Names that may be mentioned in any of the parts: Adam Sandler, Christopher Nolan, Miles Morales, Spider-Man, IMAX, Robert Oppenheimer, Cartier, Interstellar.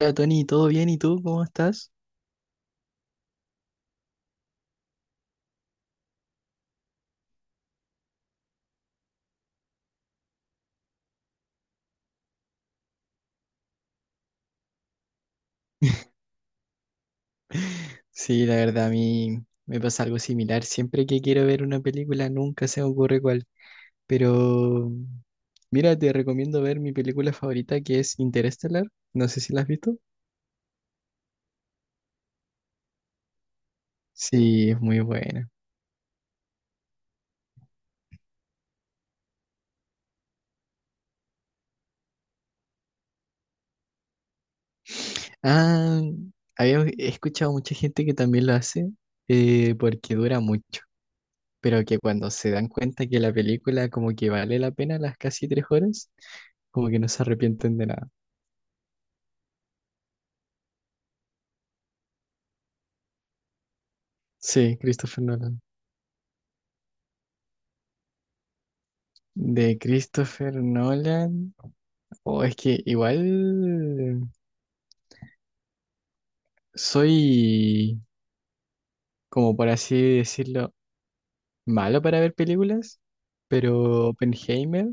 Hola Tony, ¿todo bien? ¿Y tú cómo estás? Sí, la verdad a mí me pasa algo similar. Siempre que quiero ver una película nunca se me ocurre cuál. Pero mira, te recomiendo ver mi película favorita que es Interestelar. No sé si la has visto. Sí, es muy buena. Ah, había escuchado mucha gente que también lo hace porque dura mucho. Pero que cuando se dan cuenta que la película como que vale la pena las casi 3 horas, como que no se arrepienten de nada. Sí, Christopher Nolan. De Christopher Nolan. O es que igual soy, como por así decirlo, malo para ver películas, pero Oppenheimer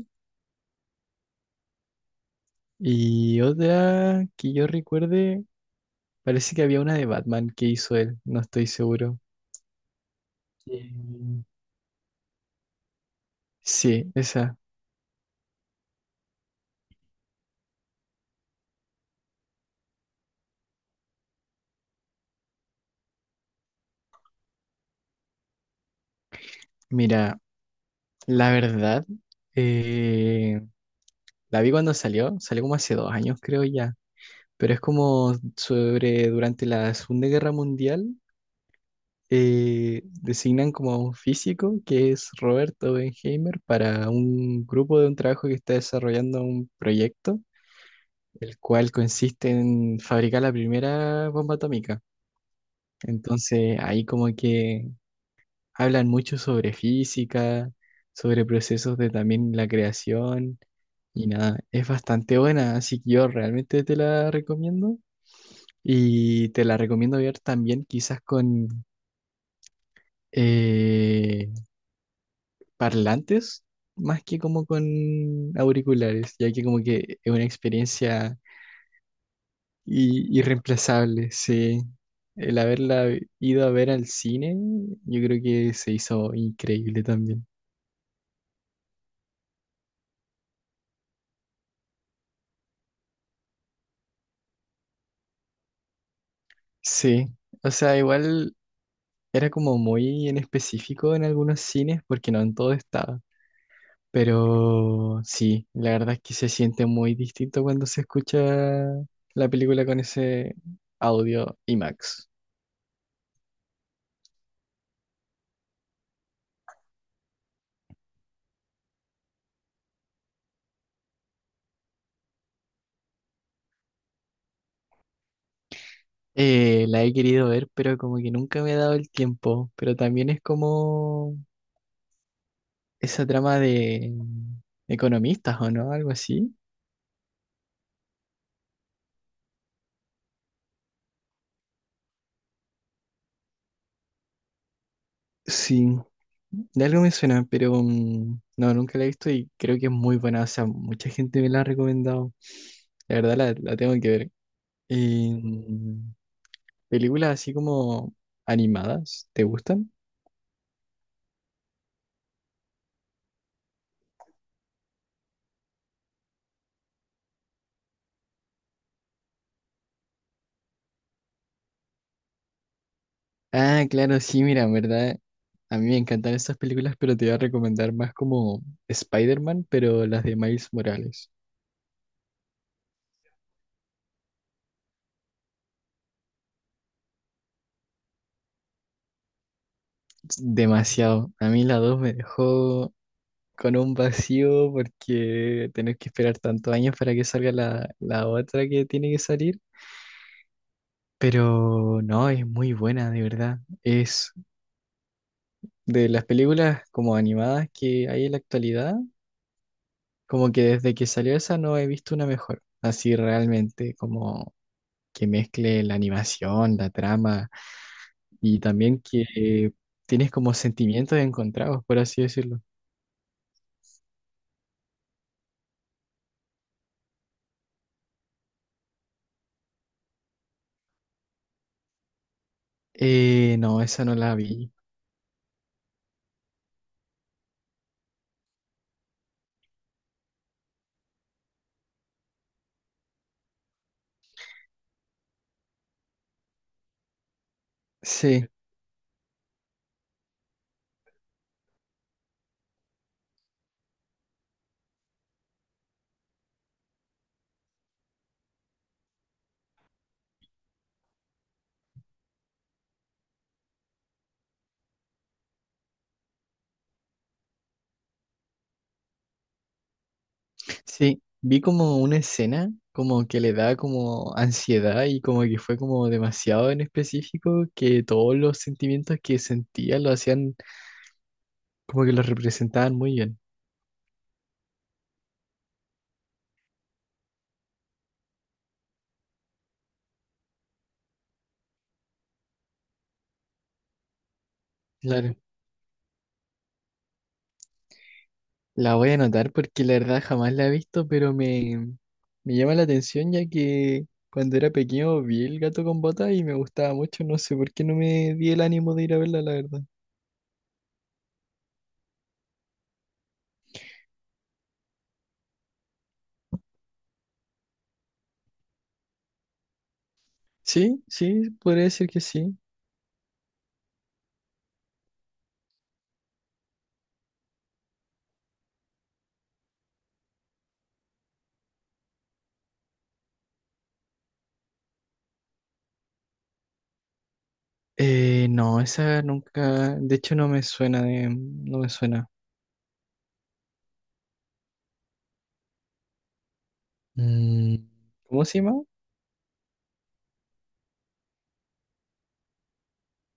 y otra que yo recuerde, parece que había una de Batman que hizo él, no estoy seguro. Mm. Sí, esa. Mira, la verdad, eh, la vi cuando salió como hace 2 años creo ya, pero es como sobre durante la Segunda Guerra Mundial designan como a un físico que es Robert Oppenheimer para un grupo de un trabajo que está desarrollando un proyecto, el cual consiste en fabricar la primera bomba atómica. Entonces ahí como que hablan mucho sobre física, sobre procesos de también la creación y nada, es bastante buena, así que yo realmente te la recomiendo. Y te la recomiendo ver también quizás con, eh, parlantes más que como con auriculares, ya que como que es una experiencia irreemplazable, sí. El haberla ido a ver al cine, yo creo que se hizo increíble también. Sí, o sea, igual era como muy en específico en algunos cines porque no en todo estaba. Pero sí, la verdad es que se siente muy distinto cuando se escucha la película con ese audio IMAX. La he querido ver, pero como que nunca me he dado el tiempo. Pero también es como esa trama de economistas o no, algo así. Sí, de algo me suena, pero no, nunca la he visto y creo que es muy buena. O sea, mucha gente me la ha recomendado. La verdad la tengo que ver. Y, películas así como animadas, ¿te gustan? Ah, claro, sí, mira, en verdad. A mí me encantan estas películas, pero te voy a recomendar más como Spider-Man, pero las de Miles Morales. Demasiado. A mí la 2 me dejó con un vacío porque tener que esperar tantos años para que salga la otra que tiene que salir. Pero no, es muy buena, de verdad. Es de las películas como animadas que hay en la actualidad, como que desde que salió esa no he visto una mejor. Así realmente, como que mezcle la animación, la trama y también que tienes como sentimientos encontrados, por así decirlo. No, esa no la vi. Sí, sí, vi como una escena como que le da como ansiedad y como que fue como demasiado en específico que todos los sentimientos que sentía lo hacían como que los representaban muy bien. Claro. La voy a anotar porque la verdad jamás la he visto, pero me llama la atención ya que cuando era pequeño vi el gato con botas y me gustaba mucho. No sé por qué no me di el ánimo de ir a verla, la verdad. Sí, sí, podría decir que sí. No, esa nunca, de hecho no me suena no me suena. Mm, ¿Cómo se llama?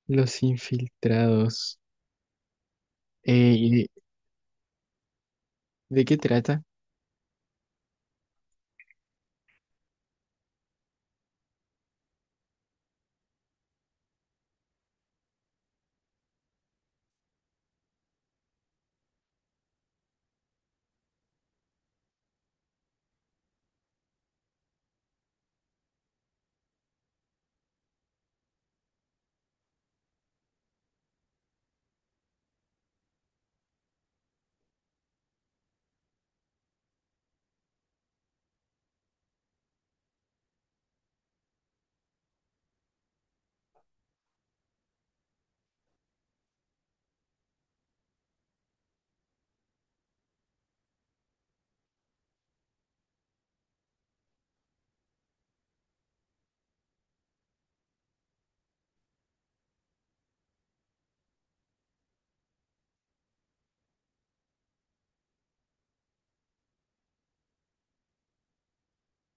Los infiltrados. ¿Y de qué trata?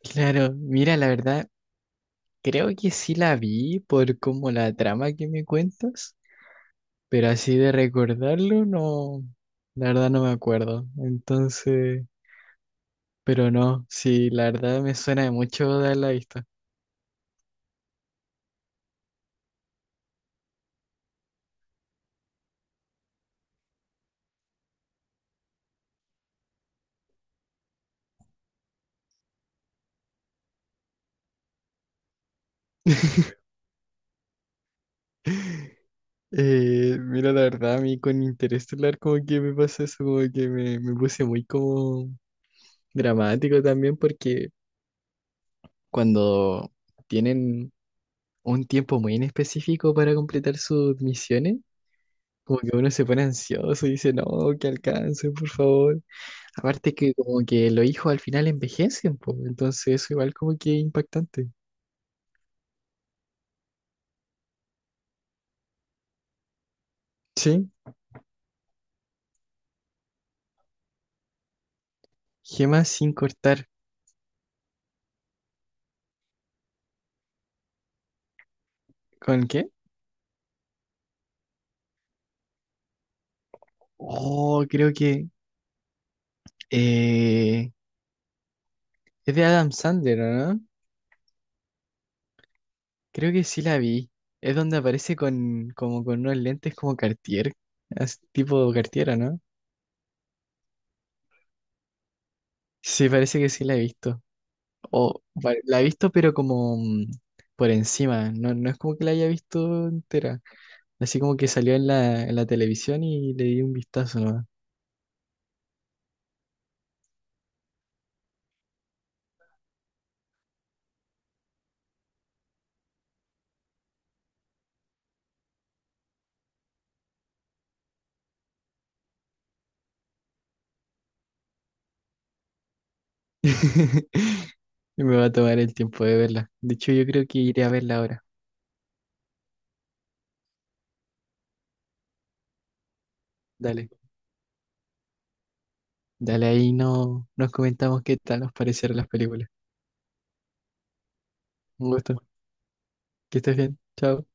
Claro, mira, la verdad, creo que sí la vi por como la trama que me cuentas. Pero así de recordarlo, no, la verdad no me acuerdo. Entonces, pero no, sí, la verdad me suena de mucho dar la vista. Mira, la verdad, a mí con Interestelar como que me pasa eso, como que me puse muy como dramático también porque cuando tienen un tiempo muy en específico para completar sus misiones, como que uno se pone ansioso y dice, no, que alcance, por favor. Aparte que como que los hijos al final envejecen, po, entonces eso igual como que es impactante. Sí, gemas sin cortar. ¿Con qué? Oh, creo que eh, es de Adam Sandler, ¿o no? Creo que sí la vi. Es donde aparece con como con unos lentes como Cartier, tipo Cartier, ¿o no? Sí, parece que sí la he visto. O la he visto pero como por encima, no, no es como que la haya visto entera. Así como que salió en la televisión y le di un vistazo, ¿no? Me va a tomar el tiempo de verla. De hecho, yo creo que iré a verla ahora. Dale, dale ahí no, nos comentamos qué tal nos parecieron las películas. Un gusto. Que estés bien. Chao.